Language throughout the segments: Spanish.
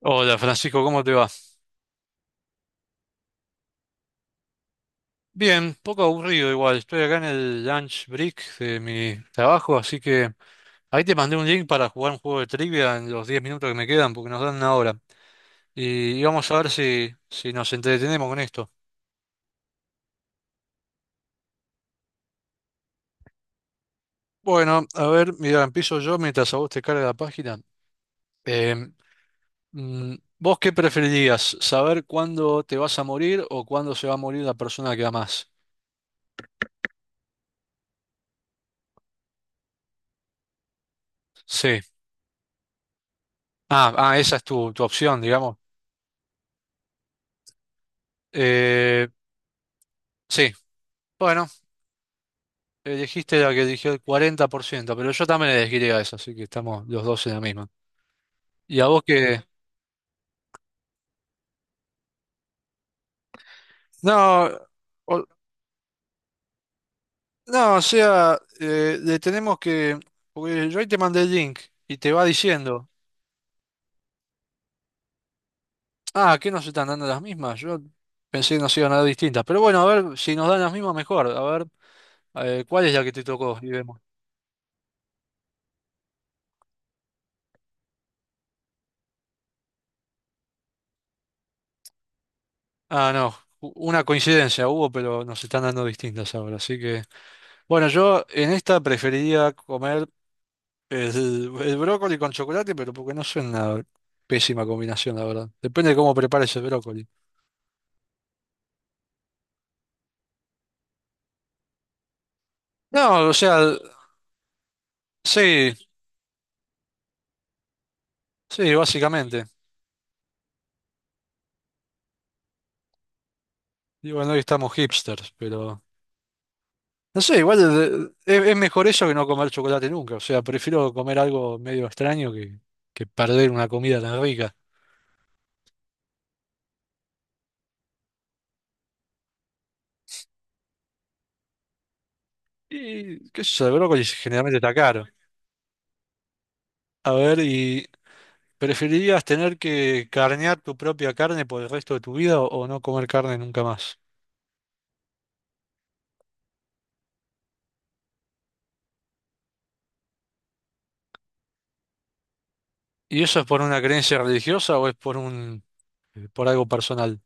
Hola Francisco, ¿cómo te va? Bien, poco aburrido igual, estoy acá en el lunch break de mi trabajo, así que ahí te mandé un link para jugar un juego de trivia en los 10 minutos que me quedan, porque nos dan 1 hora. Y vamos a ver si nos entretenemos con esto. Bueno, a ver, mira, empiezo yo mientras a vos te carga la página. Em, mm, ¿Vos qué preferirías? ¿Saber cuándo te vas a morir o cuándo se va a morir la persona que amás? Sí. Ah, esa es tu opción, digamos. Eh, sí. Bueno, dijiste la que eligió el 40%, pero yo también elegiría eso, así que estamos los dos en la misma. ¿Y a vos que No, o- no, o sea, le tenemos que... Porque yo ahí te mandé el link y te va diciendo, ah, ¿qué nos están dando las mismas? Yo pensé que nos iban a dar distintas, pero bueno, a ver, si nos dan las mismas, mejor. A ver, ¿cuál es la que te tocó? Y vemos. Ah, no, una coincidencia hubo, pero nos están dando distintas ahora, así que... Bueno, yo en esta preferiría comer. Es el brócoli con chocolate, pero porque no suena una pésima combinación, la verdad. Depende de cómo prepares el brócoli. No, o sea, sí, sí, básicamente. Y bueno, hoy estamos hipsters, pero... No sé, igual es mejor eso que no comer chocolate nunca. O sea, prefiero comer algo medio extraño que perder una comida tan rica. Y qué sé yo, el brócoli generalmente está caro. A ver, ¿y preferirías tener que carnear tu propia carne por el resto de tu vida o no comer carne nunca más? ¿Y eso es por una creencia religiosa o es por un, por algo personal?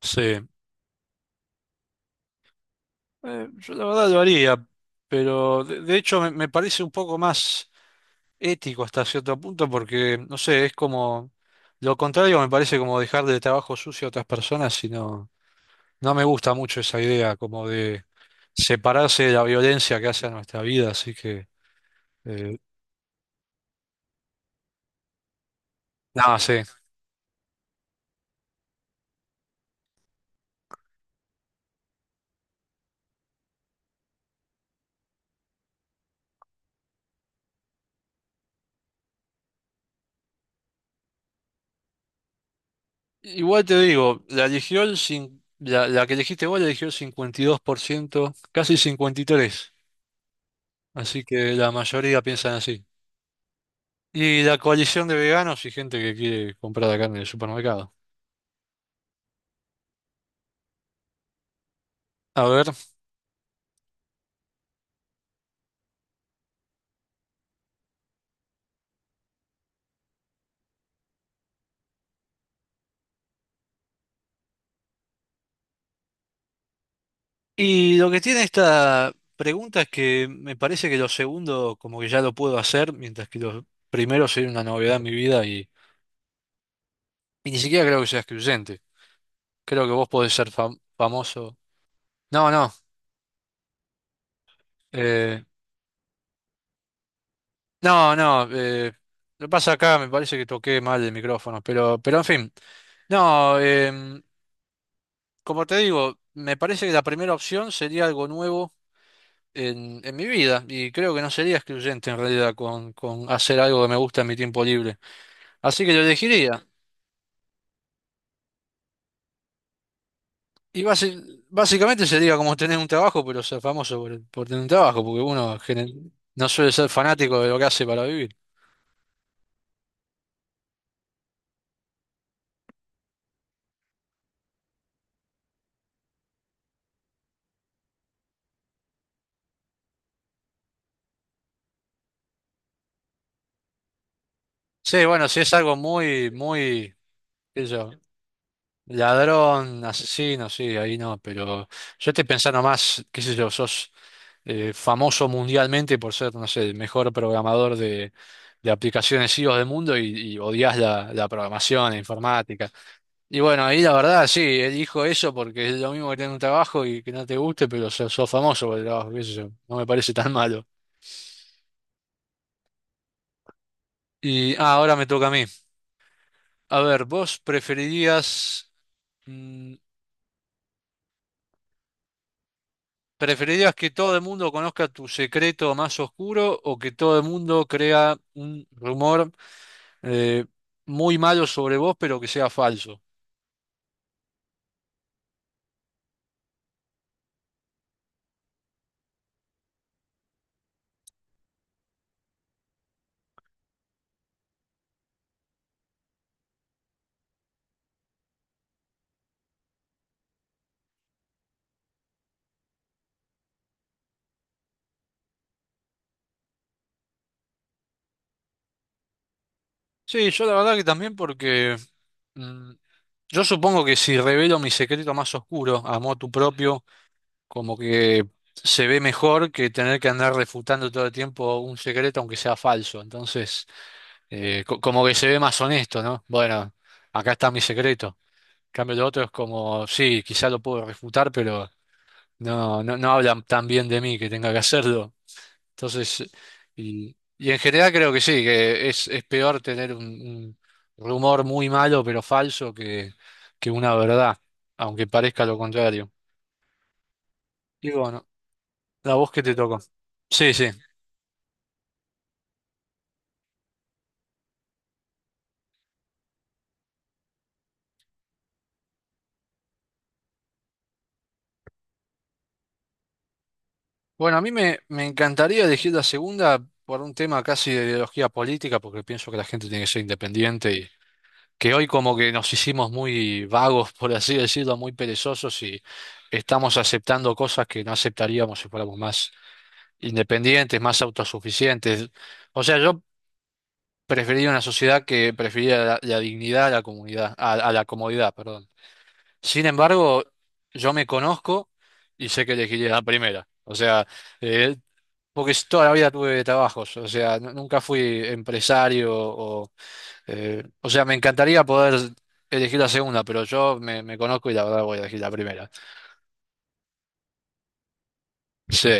Sí. Yo la verdad lo haría, pero de hecho me, me parece un poco más ético hasta cierto punto porque, no sé, es como, lo contrario me parece como dejarle trabajo sucio a otras personas y no, no me gusta mucho esa idea como de separarse de la violencia que hace a nuestra vida, así que, eh, nada, sí. Igual te digo, la eligió el la, la que elegiste vos la eligió el 52%, casi 53%. Así que la mayoría piensan así. Y la coalición de veganos y gente que quiere comprar la carne en el supermercado. A ver. Y lo que tiene esta pregunta es que me parece que lo segundo como que ya lo puedo hacer, mientras que los primeros sería una novedad en mi vida y ni siquiera creo que sea excluyente. Creo que vos podés ser famoso. No, no. eh, no, no. Lo que pasa acá me parece que toqué mal el micrófono, pero en fin. No, como te digo, me parece que la primera opción sería algo nuevo en mi vida y creo que no sería excluyente en realidad con hacer algo que me gusta en mi tiempo libre. Así que lo elegiría. Y básicamente sería como tener un trabajo, pero ser famoso por tener un trabajo, porque uno no suele ser fanático de lo que hace para vivir. Sí, bueno, si es algo muy, muy, qué sé yo, ladrón, asesino, sí, ahí no, pero yo estoy pensando más, qué sé yo, sos famoso mundialmente por ser, no sé, el mejor programador de aplicaciones iOS del mundo y odias la, la programación, la informática. Y bueno, ahí la verdad, sí, él dijo eso porque es lo mismo que tener un trabajo y que no te guste, pero sos, sos famoso por el trabajo, qué sé yo, no me parece tan malo. Y ahora me toca a mí. A ver, ¿vos preferirías, mm, preferirías que todo el mundo conozca tu secreto más oscuro o que todo el mundo crea un rumor eh, muy malo sobre vos, pero que sea falso? Sí, yo la verdad que también porque mm, yo supongo que si revelo mi secreto más oscuro a motu propio, como que se ve mejor que tener que andar refutando todo el tiempo un secreto aunque sea falso. Entonces, como que se ve más honesto, ¿no? Bueno, acá está mi secreto. En cambio, lo otro es como, sí, quizá lo puedo refutar, pero no, no, no hablan tan bien de mí que tenga que hacerlo. Entonces, y en general creo que sí, que es peor tener un rumor muy malo pero falso que una verdad, aunque parezca lo contrario. Y bueno, la voz que te tocó. Sí, sí. Bueno, a mí me, me encantaría elegir la segunda por un tema casi de ideología política, porque pienso que la gente tiene que ser independiente y que hoy como que nos hicimos muy vagos, por así decirlo, muy perezosos y estamos aceptando cosas que no aceptaríamos si fuéramos más independientes, más autosuficientes. O sea, yo preferiría una sociedad que preferiría la, la dignidad a la comunidad, a la comodidad, perdón. Sin embargo, yo me conozco y sé que elegiría la primera. O sea, eh, porque toda la vida tuve trabajos, o sea, nunca fui empresario o sea, me encantaría poder elegir la segunda, pero yo me, me conozco y la verdad voy a elegir la primera. Sí.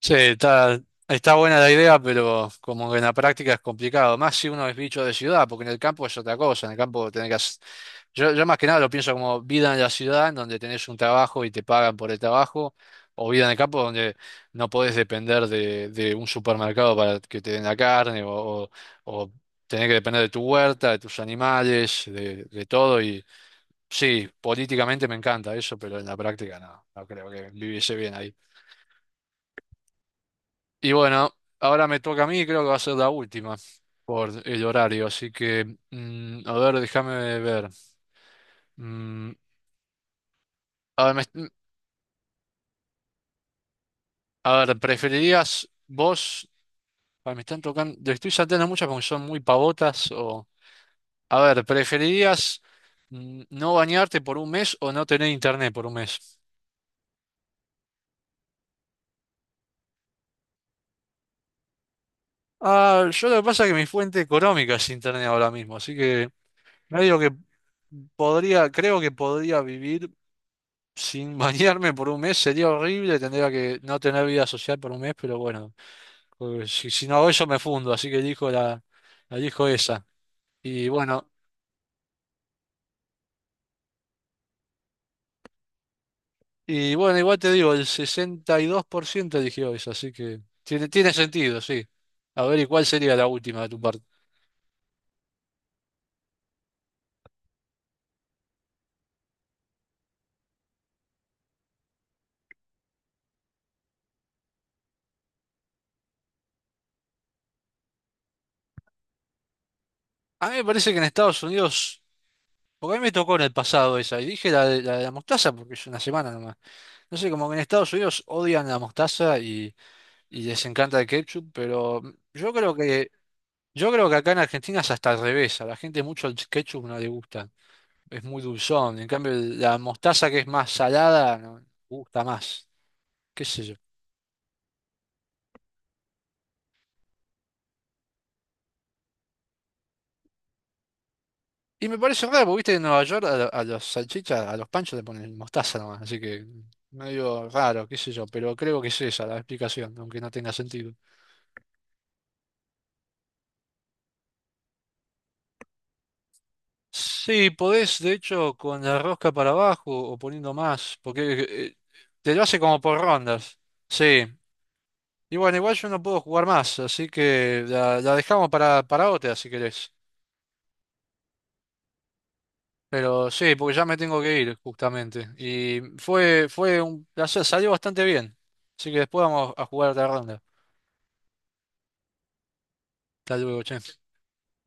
Sí, está, está buena la idea, pero como que en la práctica es complicado. Más si uno es bicho de ciudad, porque en el campo es otra cosa. En el campo tenés que hacer. Yo más que nada lo pienso como vida en la ciudad, en donde tenés un trabajo y te pagan por el trabajo, o vida en el campo donde no podés depender de un supermercado para que te den la carne, o tenés que depender de tu huerta, de tus animales, de todo. Y sí, políticamente me encanta eso, pero en la práctica no, no creo que viviese bien ahí. Y bueno, ahora me toca a mí, creo que va a ser la última por el horario, así que, a ver, déjame ver. Mm, a ver, me- est- a ver, ¿preferirías vos? Ay, me están tocando, le estoy saltando muchas porque son muy pavotas o... A ver, ¿preferirías no bañarte por 1 mes o no tener internet por 1 mes? Ah, yo lo que pasa es que mi fuente económica es internet ahora mismo, así que medio que podría, creo que podría vivir. Sin bañarme por un mes sería horrible, tendría que no tener vida social por 1 mes, pero bueno, si, si no hago eso me fundo, así que elijo la, la elijo esa. Y bueno, y bueno, igual te digo, el 62% eligió esa, así que tiene, tiene sentido, sí. A ver, ¿y cuál sería la última de tu parte? A mí me parece que en Estados Unidos, porque a mí me tocó en el pasado esa, y dije la de la, de la mostaza porque es 1 semana nomás. No sé, como que en Estados Unidos odian la mostaza y les encanta el ketchup, pero yo creo que. Yo creo que acá en Argentina es hasta al revés, a la gente mucho el ketchup no le gusta, es muy dulzón, en cambio la mostaza que es más salada no, gusta más, qué sé yo. Y me parece raro, porque viste que en Nueva York a, a los salchichas, a los panchos le ponen mostaza nomás, así que medio raro, qué sé yo, pero creo que es esa la explicación, aunque no tenga sentido. Sí, podés, de hecho, con la rosca para abajo o poniendo más, porque eh, te lo hace como por rondas. Sí. Y bueno, igual yo no puedo jugar más, así que la dejamos para otra si querés. Pero sí, porque ya me tengo que ir, justamente. Y fue, fue un placer, salió bastante bien. Así que después vamos a jugar otra ronda. Hasta luego, che.